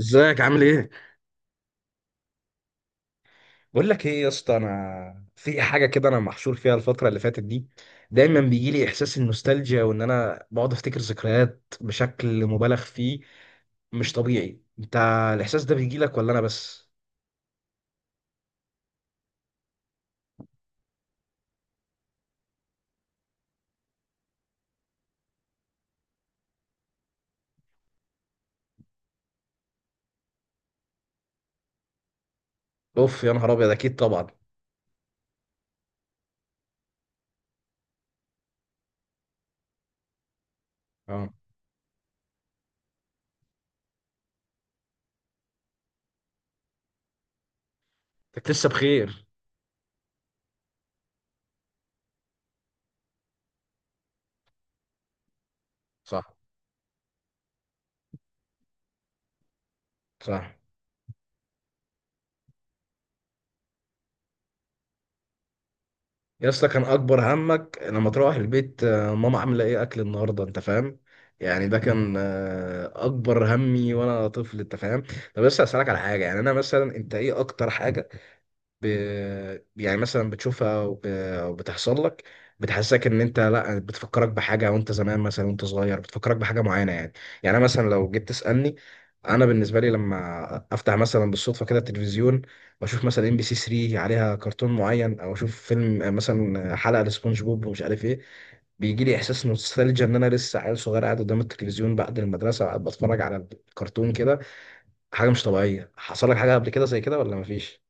ازيك عامل ايه؟ بقول لك ايه يا اسطى، انا في حاجه كده انا محشور فيها الفتره اللي فاتت دي. دايما بيجي لي احساس النوستالجيا وان انا بقعد افتكر ذكريات بشكل مبالغ فيه. مش طبيعي. انت الاحساس ده بيجي لك ولا انا بس؟ اوف يا نهار ابيض، اكيد طبعا. اه. انت لسه بخير. صح. صح يا اسطى، كان اكبر همك لما تروح البيت ماما عامله ايه اكل النهارده، انت فاهم يعني؟ ده كان اكبر همي وانا طفل، انت فاهم. طب بس اسالك على حاجه، يعني انا مثلا، انت ايه اكتر حاجه ب... يعني مثلا بتشوفها وبتحصل لك، بتحسسك ان انت لا بتفكرك بحاجه وانت زمان، مثلا وانت صغير بتفكرك بحاجه معينه يعني. يعني أنا مثلا لو جيت تسالني، انا بالنسبه لي لما افتح مثلا بالصدفه كده التلفزيون واشوف مثلا ام بي سي 3 عليها كرتون معين، او اشوف فيلم مثلا، حلقه لسبونج بوب ومش عارف ايه، بيجي لي احساس نوستالجيا ان انا لسه عيل صغير قاعد قدام التلفزيون بعد المدرسه وقاعد بتفرج على الكرتون كده. حاجه مش طبيعيه، حصل لك حاجه قبل كده زي كده ولا مفيش؟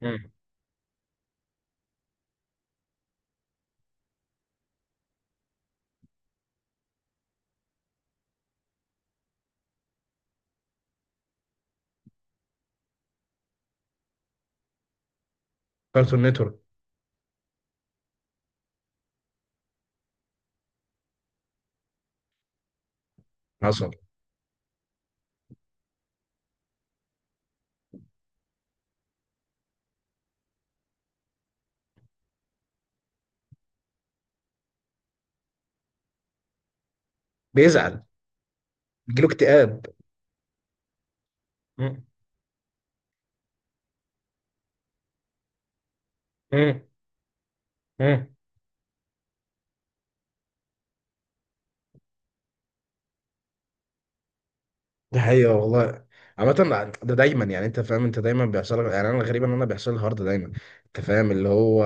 مم. كارتون نتورك. حصل. بيزعل. بيجيله اكتئاب. مم. مم. مم. دي حقيقة والله. عامة، ده دايما يعني، انت فاهم، انت دايما بيحصل لك، يعني انا الغريب ان انا بيحصل لي الحوار ده دايما. انت فاهم اللي هو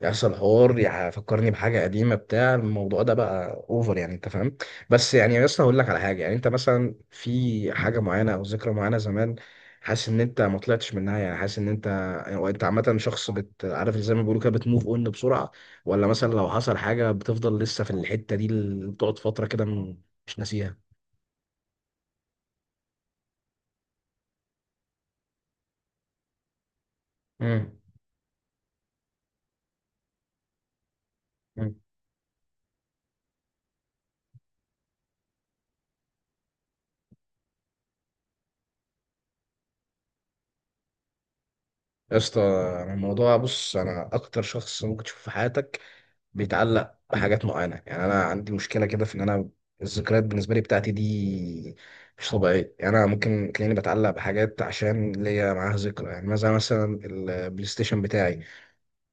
يحصل حوار يفكرني بحاجة قديمة، بتاع الموضوع ده بقى اوفر يعني، انت فاهم. بس يعني، بس هقول لك على حاجة، يعني انت مثلا في حاجة معينة او ذكرى معينة زمان، حاسس ان انت ما طلعتش منها، يعني حاسس ان انت، وانت عامة شخص، بت عارف زي ما بيقولوا كده بتموف اون بسرعة، ولا مثلا لو حصل حاجة بتفضل لسه في الحتة دي اللي بتقعد فترة كده مش ناسيها؟ مم. يا اسطى انا الموضوع، بص، انا اكتر شخص ممكن تشوفه في حياتك بيتعلق بحاجات معينه. يعني انا عندي مشكله كده في ان انا الذكريات بالنسبه لي بتاعتي دي مش طبيعيه. يعني انا ممكن تلاقيني بتعلق بحاجات عشان ليا معاها ذكرى. يعني مثلا البلاي ستيشن بتاعي،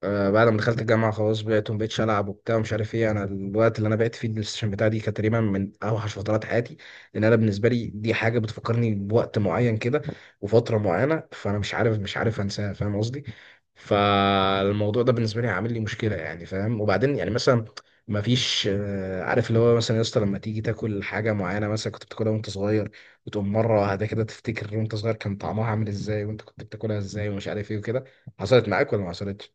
بعد ما دخلت الجامعة خلاص بعت، مبقتش ألعب وبتاع ومش عارف إيه. أنا الوقت اللي أنا بعت فيه البلاي ستيشن بتاعي دي كانت تقريبا من أوحش فترات حياتي. لأن أنا بالنسبة لي دي حاجة بتفكرني بوقت معين كده وفترة معينة. فأنا مش عارف أنساها، فاهم قصدي؟ فالموضوع ده بالنسبة لي عامل لي مشكلة يعني، فاهم؟ وبعدين يعني مثلا مفيش، عارف اللي هو مثلا، يا اسطى، لما تيجي تاكل حاجة معينة مثلا كنت بتاكلها وأنت صغير، وتقوم مرة واحدة كده تفتكر وأنت صغير كان طعمها عامل إزاي وأنت كنت بتاكلها إزاي ومش عارف إيه وكده، حصلت معاك ولا ما حصلتش؟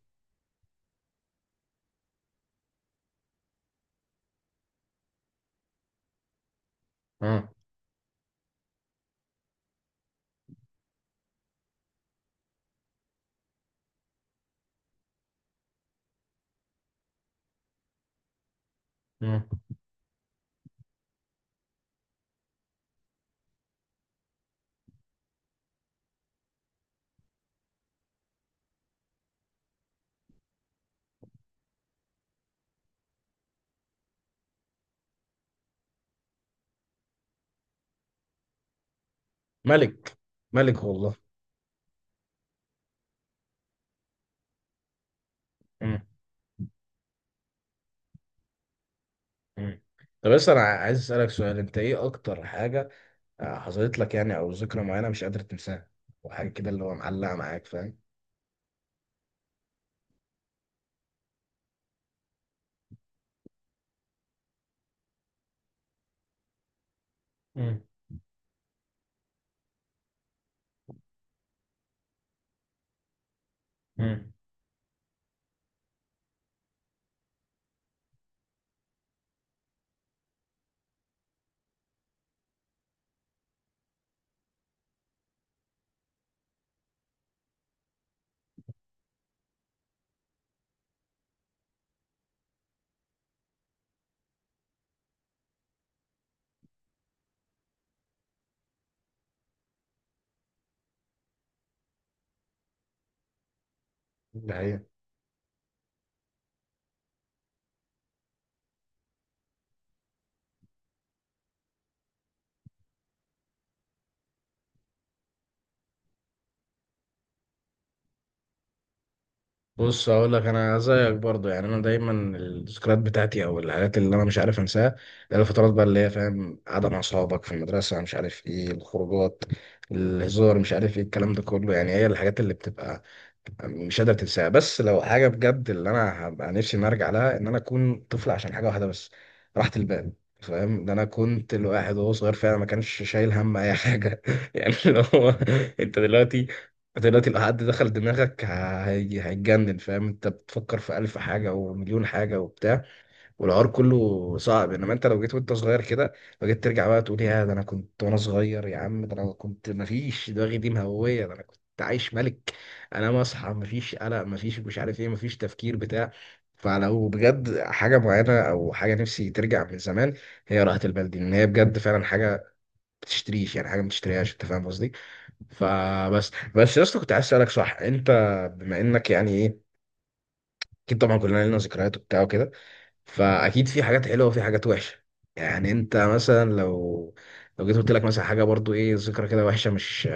مم. مم. ملك. ملك والله. مم. مم. طب بس انا عايز اسالك سؤال، انت ايه اكتر حاجه حصلت لك يعني، او ذكرى معينه مش قادر تنساها وحاجه كده اللي هو معلقه معاك، فاهم؟ مم. مم. ده حقيقة. بص هقول لك، انا زيك برضه يعني. انا دايما الذكريات بتاعتي او الحاجات اللي انا مش عارف انساها اللي هي الفترات بقى اللي هي، فاهم، قعده مع اصحابك في المدرسه، مش عارف ايه الخروجات، الهزار، مش عارف ايه، الكلام ده كله. يعني هي الحاجات اللي بتبقى مش قادر تنساها. بس لو حاجه بجد اللي انا هبقى نفسي اني ارجع لها ان انا اكون طفل عشان حاجه واحده بس، راحه البال، فاهم. ده انا كنت الواحد وهو صغير فعلا ما كانش شايل هم اي حاجه يعني، اللي هو انت دلوقتي، دلوقتي لو حد دخل دماغك هيتجنن، فاهم. انت بتفكر في ألف حاجة ومليون حاجة وبتاع، والعار كله صعب. انما انت لو جيت وانت صغير كده، لو جيت ترجع بقى تقول يا ده انا كنت وانا صغير، يا عم ده انا كنت مفيش دماغي دي مهوية، ده انا كنت عايش ملك. انا مصحى، مفيش قلق، مفيش مش عارف ايه، مفيش تفكير بتاع فلو بجد حاجة معينة أو حاجة نفسي ترجع من زمان، هي راحة البال دي، لأن هي بجد فعلا حاجة بتشتريش، يعني حاجة ما بتشتريهاش، أنت فاهم قصدي؟ فبس يا اسطى، كنت عايز اسالك، صح، انت بما انك يعني ايه، اكيد طبعا كلنا لنا ذكريات وبتاع وكده، فاكيد في حاجات حلوه وفي حاجات وحشه. يعني انت مثلا لو، لو جيت قلت لك مثلا حاجه، برضو ايه ذكرى كده وحشه مش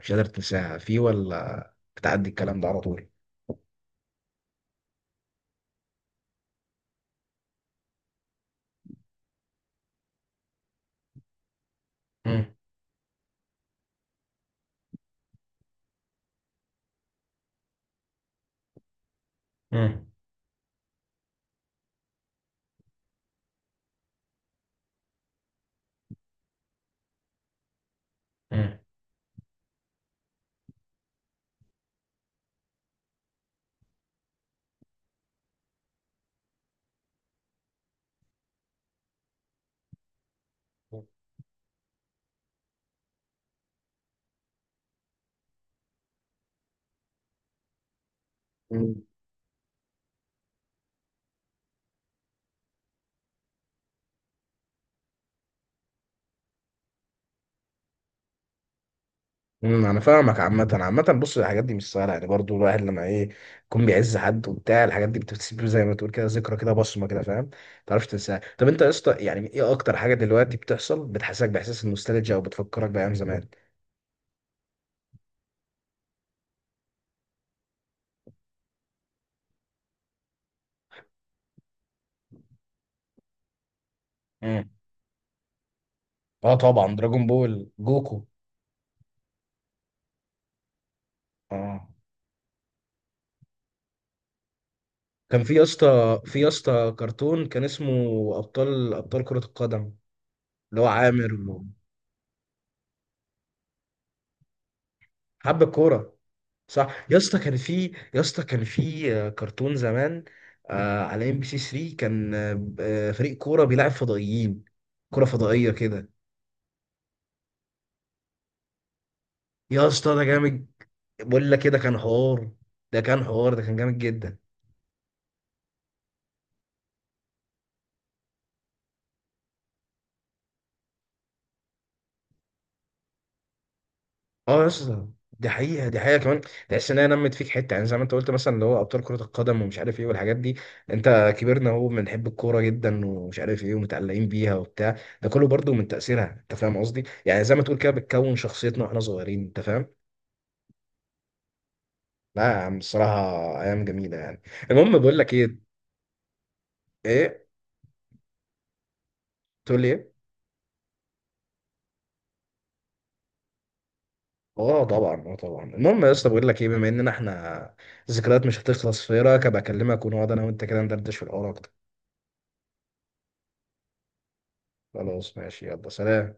مش قادر تنساها في، ولا بتعدي الكلام ده على طول؟ امم امم انا فاهمك. عامة، عامة، بص الحاجات دي مش سهلة، يعني برضو الواحد لما ايه يكون بيعز حد وبتاع، الحاجات دي بتسيب زي ما تقول كده ذكرى كده، بصمة كده، فاهم، ما تعرفش تنساها. طب انت يا اسطى يعني ايه اكتر حاجة دلوقتي بتحصل بتحسسك باحساس النوستالجيا او بتفكرك بايام زمان؟ مم. اه طبعا، دراجون بول، جوكو. اه كان في يا اسطى، كرتون كان اسمه ابطال، ابطال كرة القدم، اللي هو عامر حب الكورة. صح يا اسطى، كان في يا اسطى، كان في كرتون زمان، على ام بي سي 3، كان فريق كوره بيلعب فضائيين، كوره فضائيه كده. يا اسطى ده جامد، بقول لك كده كان حوار، ده كان حوار، ده كان جامد جدا. اه يا اسطى، دي حقيقه، دي حقيقه كمان. تحس ان هي نمت فيك حته، يعني زي ما انت قلت مثلا اللي هو ابطال كره القدم ومش عارف ايه والحاجات دي، انت كبرنا اهو بنحب الكوره جدا ومش عارف ايه، ومتعلقين بيها وبتاع. ده كله برضو من تاثيرها، انت فاهم قصدي؟ يعني زي ما تقول كده، بتكون شخصيتنا واحنا صغيرين، انت فاهم. لا يا عم الصراحة، أيام جميلة يعني. المهم بقول لك إيه. إيه؟ تقول لي إيه؟ آه طبعا، آه طبعا. المهم يا اسطى بقول لك إيه، بما إننا إحنا ذكريات مش هتخلص، في إيه رأيك أبقى أكلمك ونقعد أنا وأنت كده ندردش في الحوار أكتر؟ خلاص ماشي، يلا سلام.